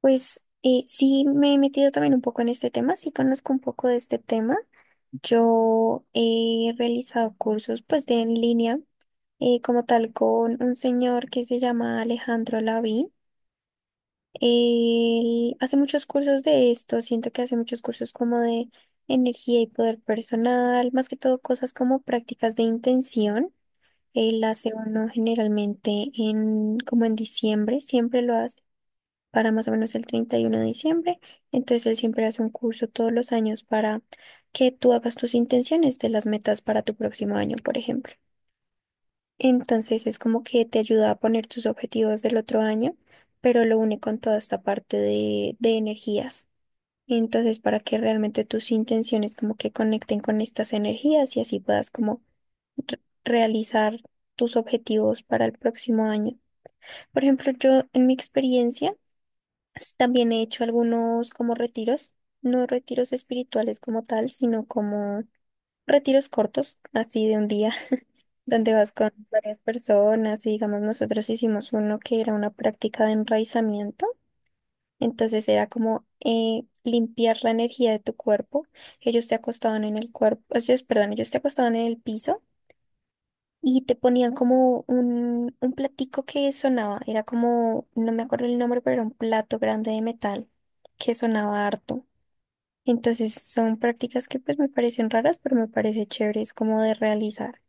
Sí, me he metido también un poco en este tema, sí conozco un poco de este tema. Yo he realizado cursos pues de en línea como tal con un señor que se llama Alejandro Laví. Él hace muchos cursos de esto, siento que hace muchos cursos como de energía y poder personal, más que todo cosas como prácticas de intención. Él hace uno generalmente en como en diciembre, siempre lo hace para más o menos el 31 de diciembre. Entonces él siempre hace un curso todos los años para que tú hagas tus intenciones de las metas para tu próximo año, por ejemplo. Entonces es como que te ayuda a poner tus objetivos del otro año, pero lo une con toda esta parte de energías. Entonces, para que realmente tus intenciones como que conecten con estas energías y así puedas como re- realizar tus objetivos para el próximo año. Por ejemplo, yo en mi experiencia también he hecho algunos como retiros, no retiros espirituales como tal, sino como retiros cortos, así de un día, donde vas con varias personas y digamos nosotros hicimos uno que era una práctica de enraizamiento. Entonces era como limpiar la energía de tu cuerpo. Ellos te acostaban en el cuerpo, ellos, perdón, ellos te acostaban en el piso y te ponían como un platico que sonaba, era como, no me acuerdo el nombre, pero era un plato grande de metal que sonaba harto. Entonces son prácticas que pues me parecen raras, pero me parece chéveres como de realizar.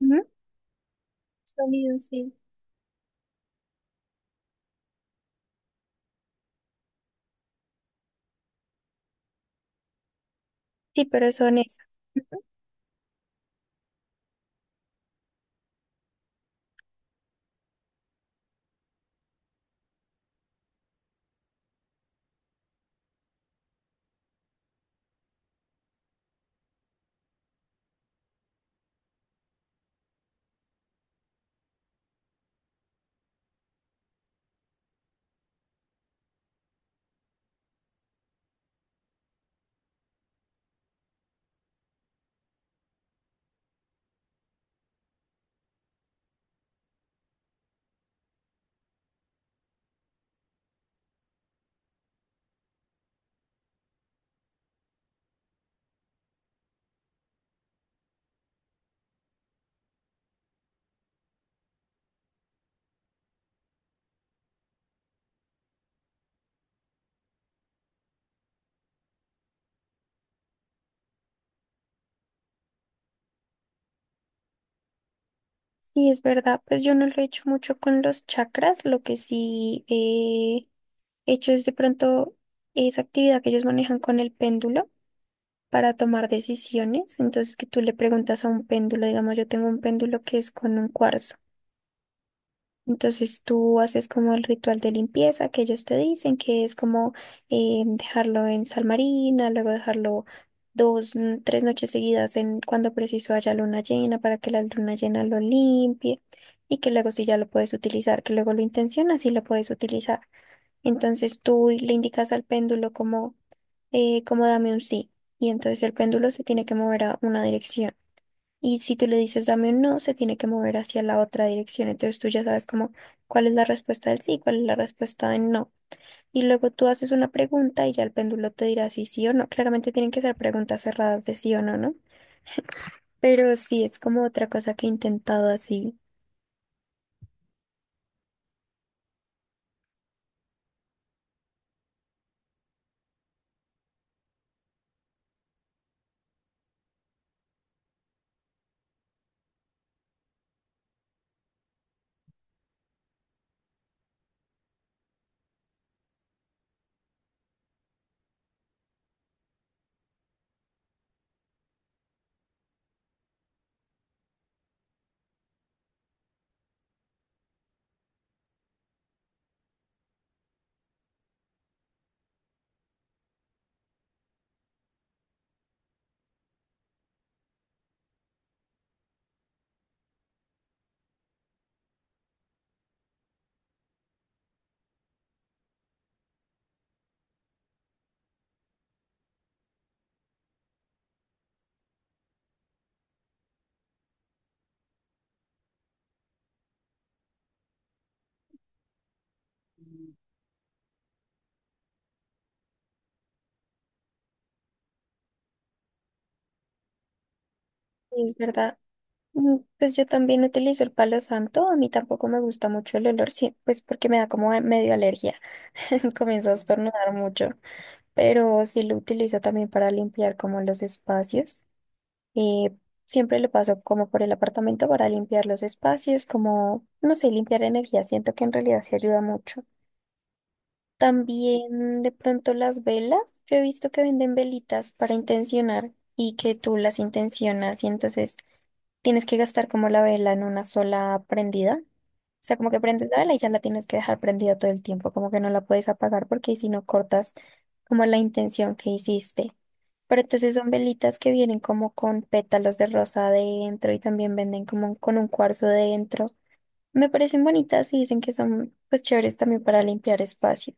Ujú. Sonido, sí. Sí, pero son esas. Ujú. Sí, es verdad, pues yo no lo he hecho mucho con los chakras, lo que sí he hecho es de pronto esa actividad que ellos manejan con el péndulo, para tomar decisiones. Entonces, que tú le preguntas a un péndulo, digamos, yo tengo un péndulo que es con un cuarzo. Entonces, tú haces como el ritual de limpieza que ellos te dicen, que es como dejarlo en sal marina, luego dejarlo dos, tres noches seguidas en cuando preciso haya luna llena para que la luna llena lo limpie. Y que luego si ya lo puedes utilizar, que luego lo intencionas y lo puedes utilizar. Entonces tú le indicas al péndulo como como dame un sí. Y entonces el péndulo se tiene que mover a una dirección. Y si tú le dices dame un no, se tiene que mover hacia la otra dirección. Entonces tú ya sabes como cuál es la respuesta del sí y cuál es la respuesta del no. Y luego tú haces una pregunta y ya el péndulo te dirá si sí o no. Claramente tienen que ser preguntas cerradas de sí o no, ¿no? Pero sí, es como otra cosa que he intentado así. Y es verdad. Mm, pues yo también utilizo el palo santo. A mí tampoco me gusta mucho el olor, sí, pues porque me da como medio alergia. Comienzo a estornudar mucho, pero sí lo utilizo también para limpiar como los espacios. Eh, siempre lo paso como por el apartamento para limpiar los espacios, como, no sé, limpiar energía. Siento que en realidad sí ayuda mucho. También de pronto las velas. Yo he visto que venden velitas para intencionar y que tú las intencionas y entonces tienes que gastar como la vela en una sola prendida. O sea, como que prendes la vela y ya la tienes que dejar prendida todo el tiempo, como que no la puedes apagar porque si no cortas como la intención que hiciste. Pero entonces son velitas que vienen como con pétalos de rosa adentro y también venden como con un cuarzo dentro. Me parecen bonitas y dicen que son pues chéveres también para limpiar espacios.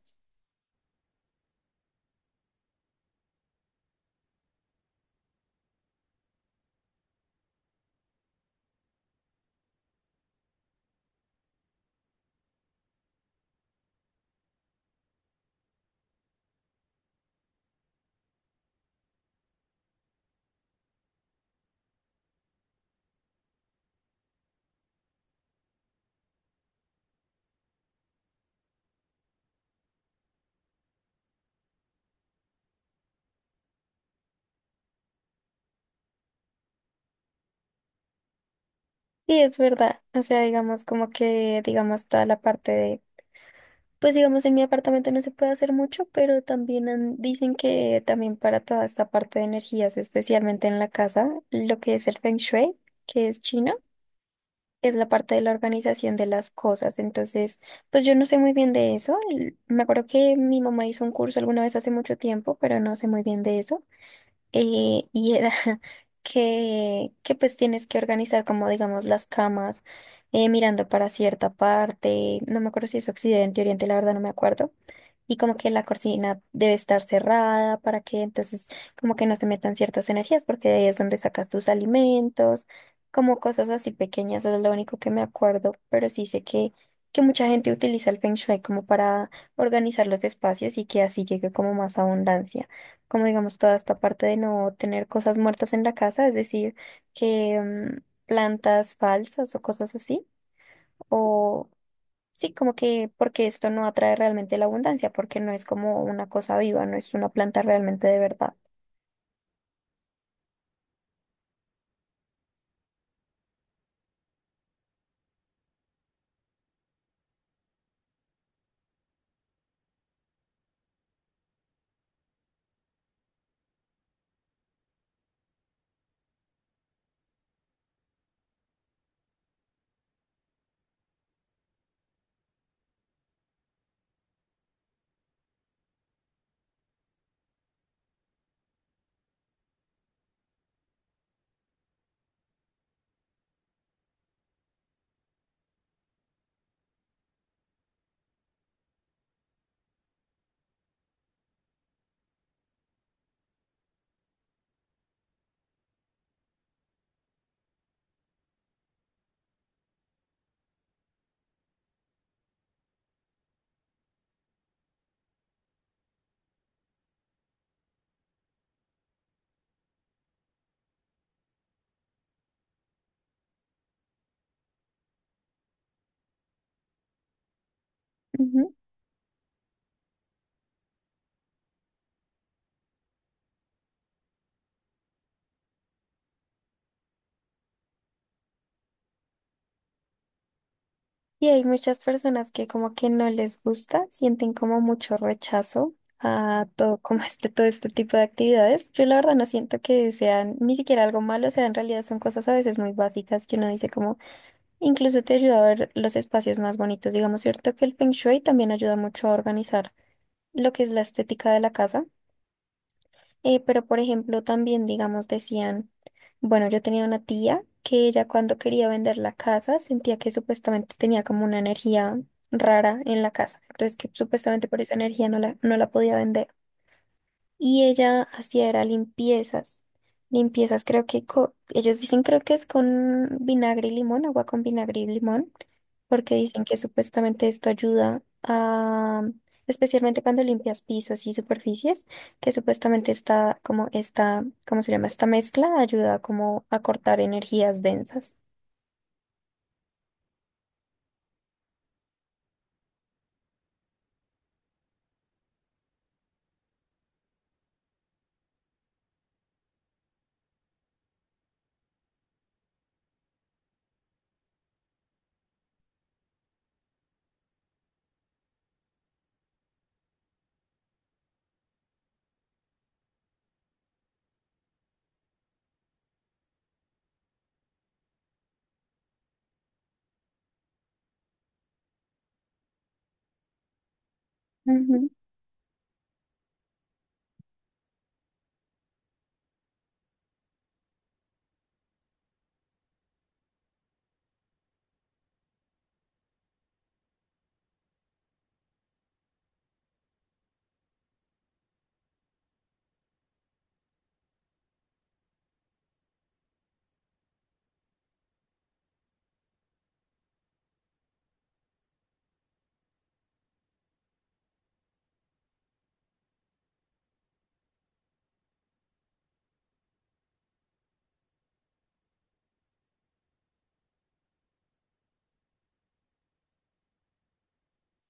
Sí es verdad, o sea, digamos como que digamos toda la parte de pues digamos, en mi apartamento no se puede hacer mucho, pero también dicen que también para toda esta parte de energías, especialmente en la casa, lo que es el Feng Shui, que es chino, es la parte de la organización de las cosas. Entonces, pues yo no sé muy bien de eso. Me acuerdo que mi mamá hizo un curso alguna vez hace mucho tiempo, pero no sé muy bien de eso. Y era que pues tienes que organizar como digamos las camas, mirando para cierta parte. No me acuerdo si es occidente, oriente, la verdad no me acuerdo y como que la cortina debe estar cerrada para que entonces como que no se metan ciertas energías porque de ahí es donde sacas tus alimentos, como cosas así pequeñas, eso es lo único que me acuerdo, pero sí sé que mucha gente utiliza el Feng Shui como para organizar los espacios y que así llegue como más abundancia, como digamos toda esta parte de no tener cosas muertas en la casa, es decir, que mm, plantas falsas o cosas así. O sí, como que porque esto no atrae realmente la abundancia, porque no es como una cosa viva, no es una planta realmente de verdad. Ujú. Y hay muchas personas que como que no les gusta, sienten como mucho rechazo a todo, como este, todo este tipo de actividades. Yo la verdad no siento que sean ni siquiera algo malo, o sea, en realidad son cosas a veces muy básicas que uno dice como, incluso te ayuda a ver los espacios más bonitos. Digamos, cierto que el Feng Shui también ayuda mucho a organizar lo que es la estética de la casa. Pero, por ejemplo, también, digamos, decían, bueno, yo tenía una tía que ella cuando quería vender la casa sentía que supuestamente tenía como una energía rara en la casa, entonces que supuestamente por esa energía no la podía vender y ella hacía era limpiezas. Limpiezas creo que ellos dicen creo que es con vinagre y limón, agua con vinagre y limón, porque dicen que supuestamente esto ayuda a, especialmente cuando limpias pisos y superficies, que supuestamente está como esta, ¿cómo se llama? Esta mezcla ayuda como a cortar energías densas.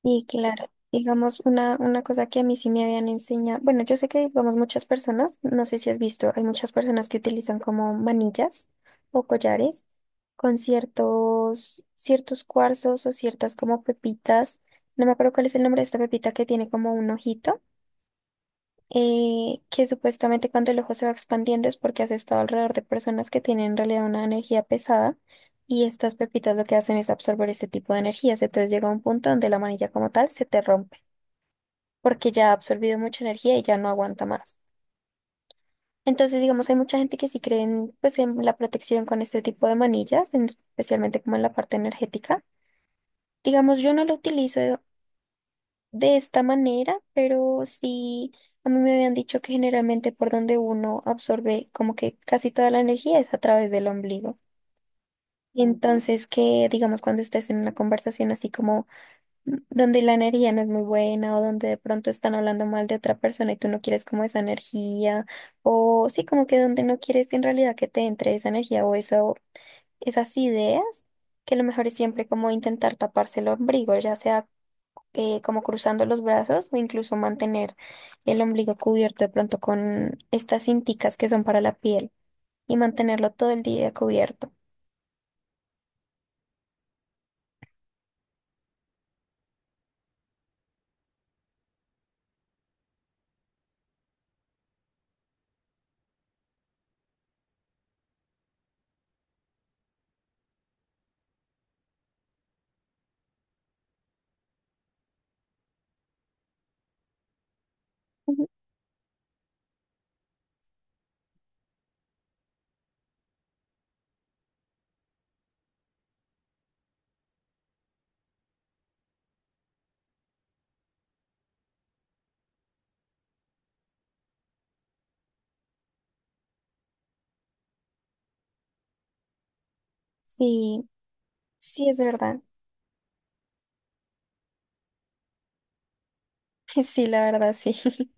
Y claro, digamos, una cosa que a mí sí me habían enseñado, bueno, yo sé que, digamos, muchas personas, no sé si has visto, hay muchas personas que utilizan como manillas o collares con ciertos cuarzos o ciertas como pepitas, no me acuerdo cuál es el nombre de esta pepita que tiene como un ojito, que supuestamente cuando el ojo se va expandiendo es porque has estado alrededor de personas que tienen en realidad una energía pesada. Y estas pepitas lo que hacen es absorber ese tipo de energías. Entonces llega un punto donde la manilla como tal se te rompe porque ya ha absorbido mucha energía y ya no aguanta más. Entonces, digamos, hay mucha gente que sí cree en, pues, en la protección con este tipo de manillas, especialmente como en la parte energética. Digamos, yo no lo utilizo de esta manera, pero sí, a mí me habían dicho que generalmente por donde uno absorbe como que casi toda la energía es a través del ombligo. Entonces, que digamos, cuando estés en una conversación así como donde la energía no es muy buena o donde de pronto están hablando mal de otra persona y tú no quieres como esa energía o sí, como que donde no quieres en realidad que te entre esa energía o eso, esas ideas, que lo mejor es siempre como intentar taparse el ombligo, ya sea como cruzando los brazos o incluso mantener el ombligo cubierto de pronto con estas cinticas que son para la piel y mantenerlo todo el día cubierto. Ujú. Sí, sí es verdad. Sí, la verdad, sí.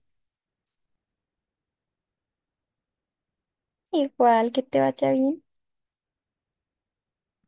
Igual que te vaya bien.